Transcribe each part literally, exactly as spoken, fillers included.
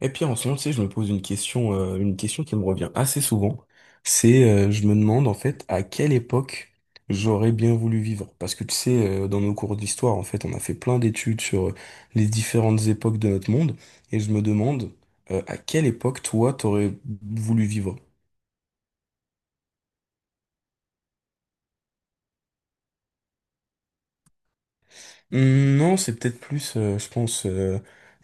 Et puis en ce moment, tu sais, je me pose une question, euh, une question qui me revient assez souvent. C'est, euh, je me demande en fait à quelle époque j'aurais bien voulu vivre. Parce que tu sais, euh, dans nos cours d'histoire, en fait, on a fait plein d'études sur euh, les différentes époques de notre monde. Et je me demande, euh, à quelle époque toi, t'aurais voulu vivre? Hum, Non, c'est peut-être plus, euh, je pense, euh,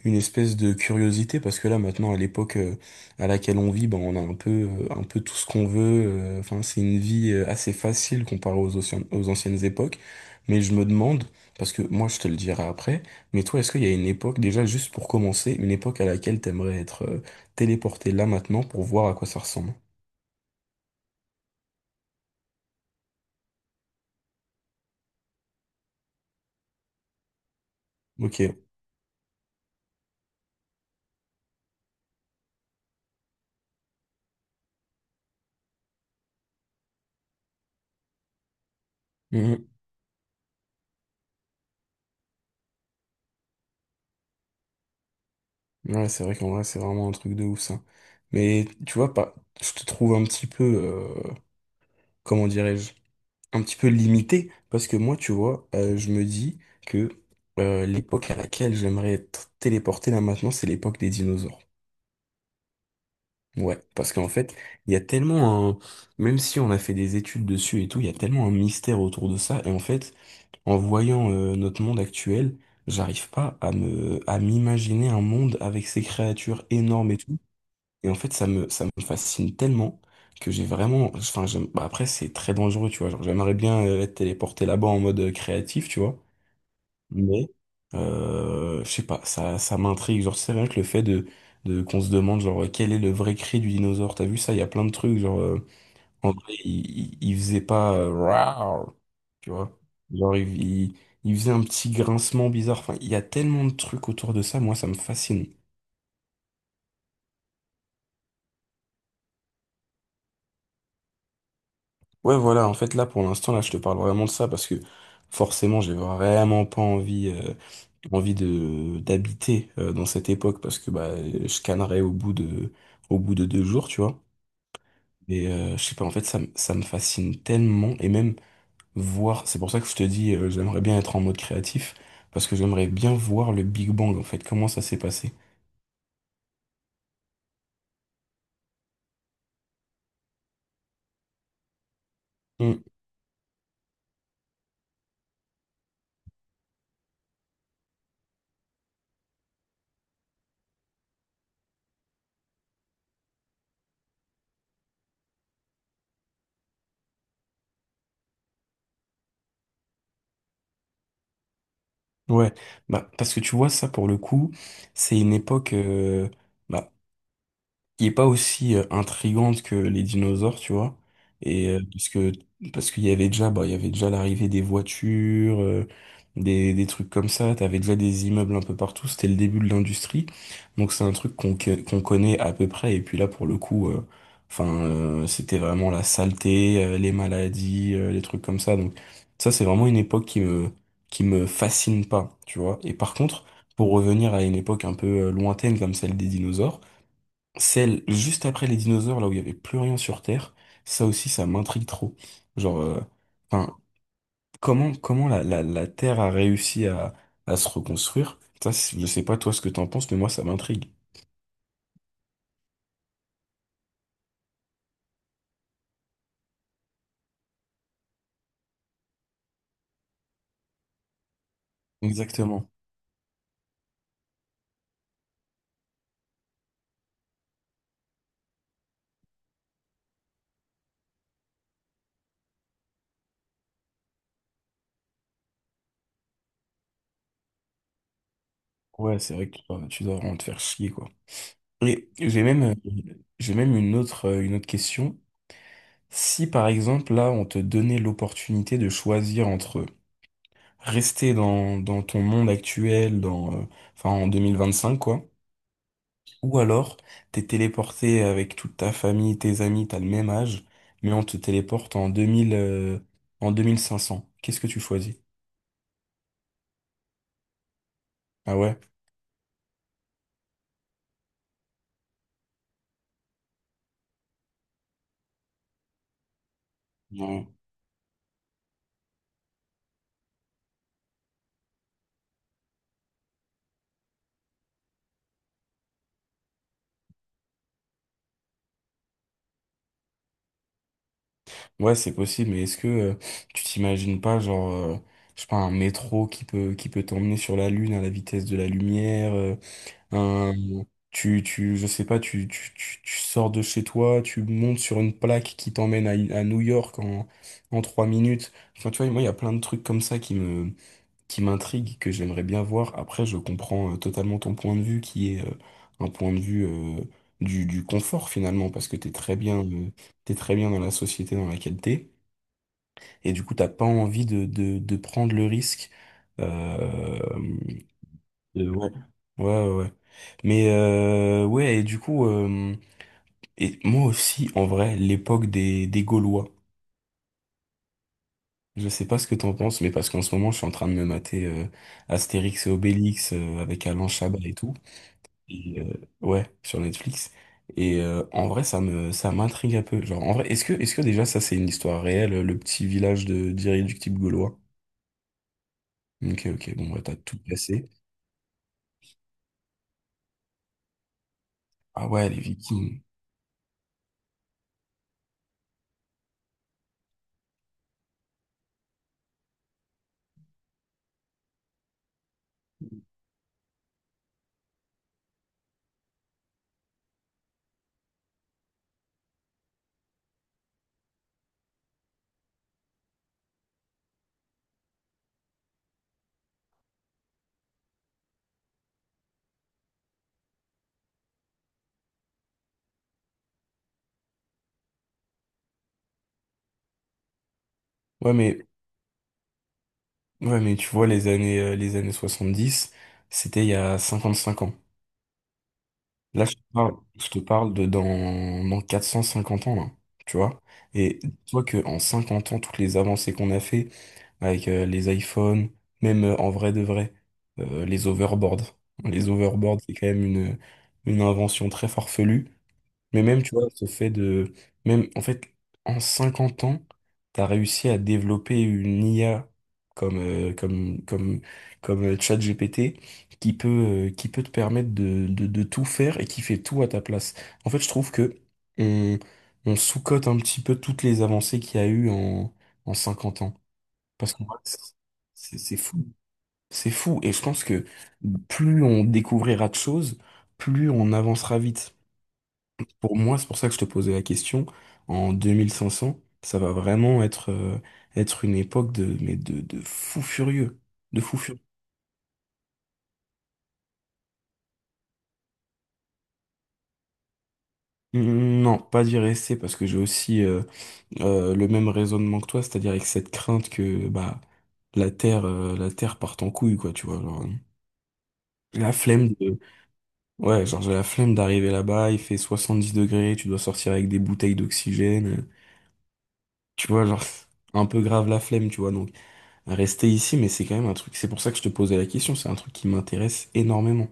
une espèce de curiosité, parce que là, maintenant, à l'époque euh, à laquelle on vit, ben, on a un peu, euh, un peu tout ce qu'on veut. euh, Enfin, c'est une vie euh, assez facile comparée aux, anciens- aux anciennes époques. Mais je me demande, parce que moi, je te le dirai après, mais toi, est-ce qu'il y a une époque, déjà, juste pour commencer, une époque à laquelle t'aimerais être euh, téléporté là maintenant pour voir à quoi ça ressemble? OK. Mhm. Ouais, c'est vrai qu'en vrai, c'est vraiment un truc de ouf, ça. Mais tu vois, pas, je te trouve un petit peu, euh, comment dirais-je, un petit peu limité, parce que moi, tu vois, euh, je me dis que euh, l'époque à laquelle j'aimerais être téléporté là maintenant, c'est l'époque des dinosaures. Ouais, parce qu'en fait, il y a tellement un... même si on a fait des études dessus et tout, il y a tellement un mystère autour de ça, et en fait, en voyant euh, notre monde actuel, j'arrive pas à me... à m'imaginer un monde avec ces créatures énormes et tout. Et en fait, ça me, ça me fascine tellement que j'ai vraiment. Enfin, j'aime- bah, après, c'est très dangereux, tu vois. Genre, j'aimerais bien euh, être téléporté là-bas en mode euh, créatif, tu vois. Mais, euh, je sais pas, ça, ça m'intrigue. Genre, c'est rien que le fait de, de qu'on se demande, genre, euh, quel est le vrai cri du dinosaure. T'as vu ça? Il y a plein de trucs. Genre, euh, en vrai, il, il, il faisait pas, euh, Rawr, tu vois. Genre, il, il, il faisait un petit grincement bizarre. Enfin, il y a tellement de trucs autour de ça. Moi, ça me fascine. Ouais, voilà, en fait, là, pour l'instant, là, je te parle vraiment de ça parce que forcément, j'ai vraiment pas envie, euh, envie de, d'habiter euh, dans cette époque parce que bah, je cannerais au bout de, au bout de deux jours, tu vois. Et euh, je sais pas, en fait, ça, me- ça me fascine tellement et même voir, c'est pour ça que je te dis, euh, j'aimerais bien être en mode créatif parce que j'aimerais bien voir le Big Bang, en fait, comment ça s'est passé. Mm. Ouais, bah, parce que tu vois, ça, pour le coup, c'est une époque, euh, bah, qui est pas aussi euh, intrigante que les dinosaures, tu vois. Et euh, parce que parce qu'il y avait déjà bah il y avait déjà l'arrivée des voitures, euh, des des trucs comme ça, t'avais déjà des immeubles un peu partout, c'était le début de l'industrie. Donc c'est un truc qu'on que- qu'on connaît à peu près et puis là pour le coup euh, enfin, euh, c'était vraiment la saleté, euh, les maladies, euh, les trucs comme ça. Donc ça c'est vraiment une époque qui me qui me fascine pas, tu vois. Et par contre, pour revenir à une époque un peu euh, lointaine comme celle des dinosaures, celle juste après les dinosaures, là où il y avait plus rien sur Terre, ça aussi, ça m'intrigue trop. Genre, euh, enfin, comment, comment la, la, la Terre a réussi à, à se reconstruire? Ça, c'est- je sais pas toi ce que t'en penses, mais moi, ça m'intrigue. Exactement. Ouais, c'est vrai que tu dois, tu dois vraiment te faire chier, quoi. Et j'ai même, euh, j'ai même une autre, euh, une autre question. Si, par exemple, là, on te donnait l'opportunité de choisir entre rester dans, dans ton monde actuel, dans, euh, enfin, en deux mille vingt-cinq, quoi. Ou alors, t'es téléporté avec toute ta famille, tes amis, t'as le même âge, mais on te téléporte en deux mille, euh, en deux mille cinq cents. Qu'est-ce que tu choisis? Ah ouais? Non. Ouais, c'est possible, mais est-ce que euh, tu t'imagines pas, genre, euh, je sais pas, un métro qui peut, qui peut t'emmener sur la Lune à la vitesse de la lumière, euh, un, tu, tu, je sais pas, tu, tu, tu, tu sors de chez toi, tu montes sur une plaque qui t'emmène à, à New York en, en trois minutes. Enfin, tu vois, moi, il y a plein de trucs comme ça qui me, qui m'intrigue, que j'aimerais bien voir. Après, je comprends euh, totalement ton point de vue, qui est euh, un point de vue euh, du, du confort finalement, parce que t'es très bien, euh, t'es très bien dans la société dans laquelle t'es, et du coup, t'as pas envie de, de, de prendre le risque. Euh, de- ouais, ouais, ouais, ouais. Mais euh, ouais, et du coup, euh, et moi aussi, en vrai, l'époque des, des Gaulois. Je sais pas ce que t'en penses, mais parce qu'en ce moment, je suis en train de me mater euh, Astérix et Obélix euh, avec Alain Chabat et tout. Et, euh, ouais, sur Netflix. Et euh, en vrai, ça me, ça m'intrigue un peu. Genre, en vrai, est-ce que, est-ce que déjà ça c'est une histoire réelle, le petit village de d'irréductibles gaulois? OK, ok, bon, bah, t'as tout placé. Ah ouais, les Vikings. Ouais, mais, ouais, mais tu vois, les années, euh, les années soixante dix c'était il y a cinquante cinq ans. Là, je te parle, je te parle de dans, dans quatre cent cinquante ans, là. Tu vois? Et dis-toi que en cinquante ans, toutes les avancées qu'on a fait, avec euh, les iPhones, même euh, en vrai de vrai, euh, les overboards. Les overboards, c'est quand même une, une invention très farfelue. Mais même, tu vois, ce fait de... même, en fait, en cinquante ans, t'as réussi à développer une I A comme, euh, comme, comme, comme euh, ChatGPT qui peut, euh, qui peut te permettre de, de, de tout faire et qui fait tout à ta place. En fait, je trouve que on, on sous-cote un petit peu toutes les avancées qu'il y a eu en, en cinquante ans. Parce que c'est c'est fou. C'est fou. Et je pense que plus on découvrira de choses, plus on avancera vite. Pour moi, c'est pour ça que je te posais la question. En deux mille cinq cents ça va vraiment être, euh, être une époque de, mais de, de fou furieux. De fou furieux. Mm, non, pas d'y rester parce que j'ai aussi euh, euh, le même raisonnement que toi, c'est-à-dire avec cette crainte que bah la Terre, euh, la Terre parte en couille, quoi, tu vois. Genre, la flemme de. Ouais, genre j'ai la flemme d'arriver là-bas, il fait soixante-dix degrés, tu dois sortir avec des bouteilles d'oxygène. euh, Tu vois, genre, c'est un peu grave la flemme, tu vois. Donc, rester ici, mais c'est quand même un truc, c'est pour ça que je te posais la question, c'est un truc qui m'intéresse énormément.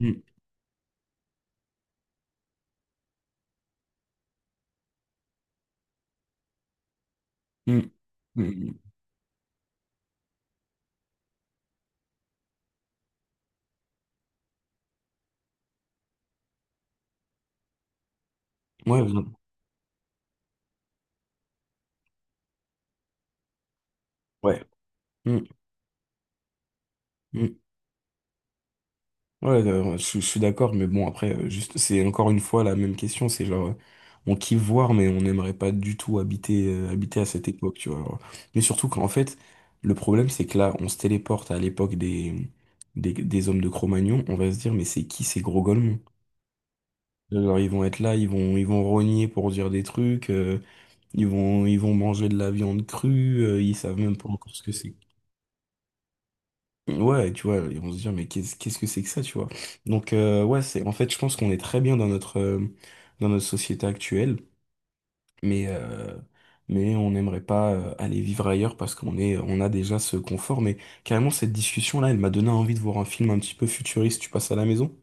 Mm, mm, mm, mm. Ouais, vraiment. Ouais. Mm, mm. Ouais, euh, ouais, je, je suis d'accord, mais bon, après, euh, juste, c'est encore une fois la même question, c'est genre, euh, on kiffe voir, mais on n'aimerait pas du tout habiter, euh, habiter à cette époque, tu vois. Alors. Mais surtout qu'en fait, le problème, c'est que là, on se téléporte à l'époque des, des, des hommes de Cro-Magnon, on va se dire, mais c'est qui ces gros golemons? Alors, ils vont être là, ils vont, ils vont rogner pour dire des trucs, euh, ils vont, ils vont manger de la viande crue, euh, ils savent même pas encore ce que c'est. Ouais, tu vois, ils vont se dire mais qu'est-ce qu'est-ce que c'est que ça, tu vois? Donc, euh, ouais, c'est, en fait, je pense qu'on est très bien dans notre, euh, dans notre société actuelle, mais, euh, mais on n'aimerait pas euh, aller vivre ailleurs parce qu'on est, on a déjà ce confort. Mais carrément, cette discussion-là, elle m'a donné envie de voir un film un petit peu futuriste. Tu passes à la maison?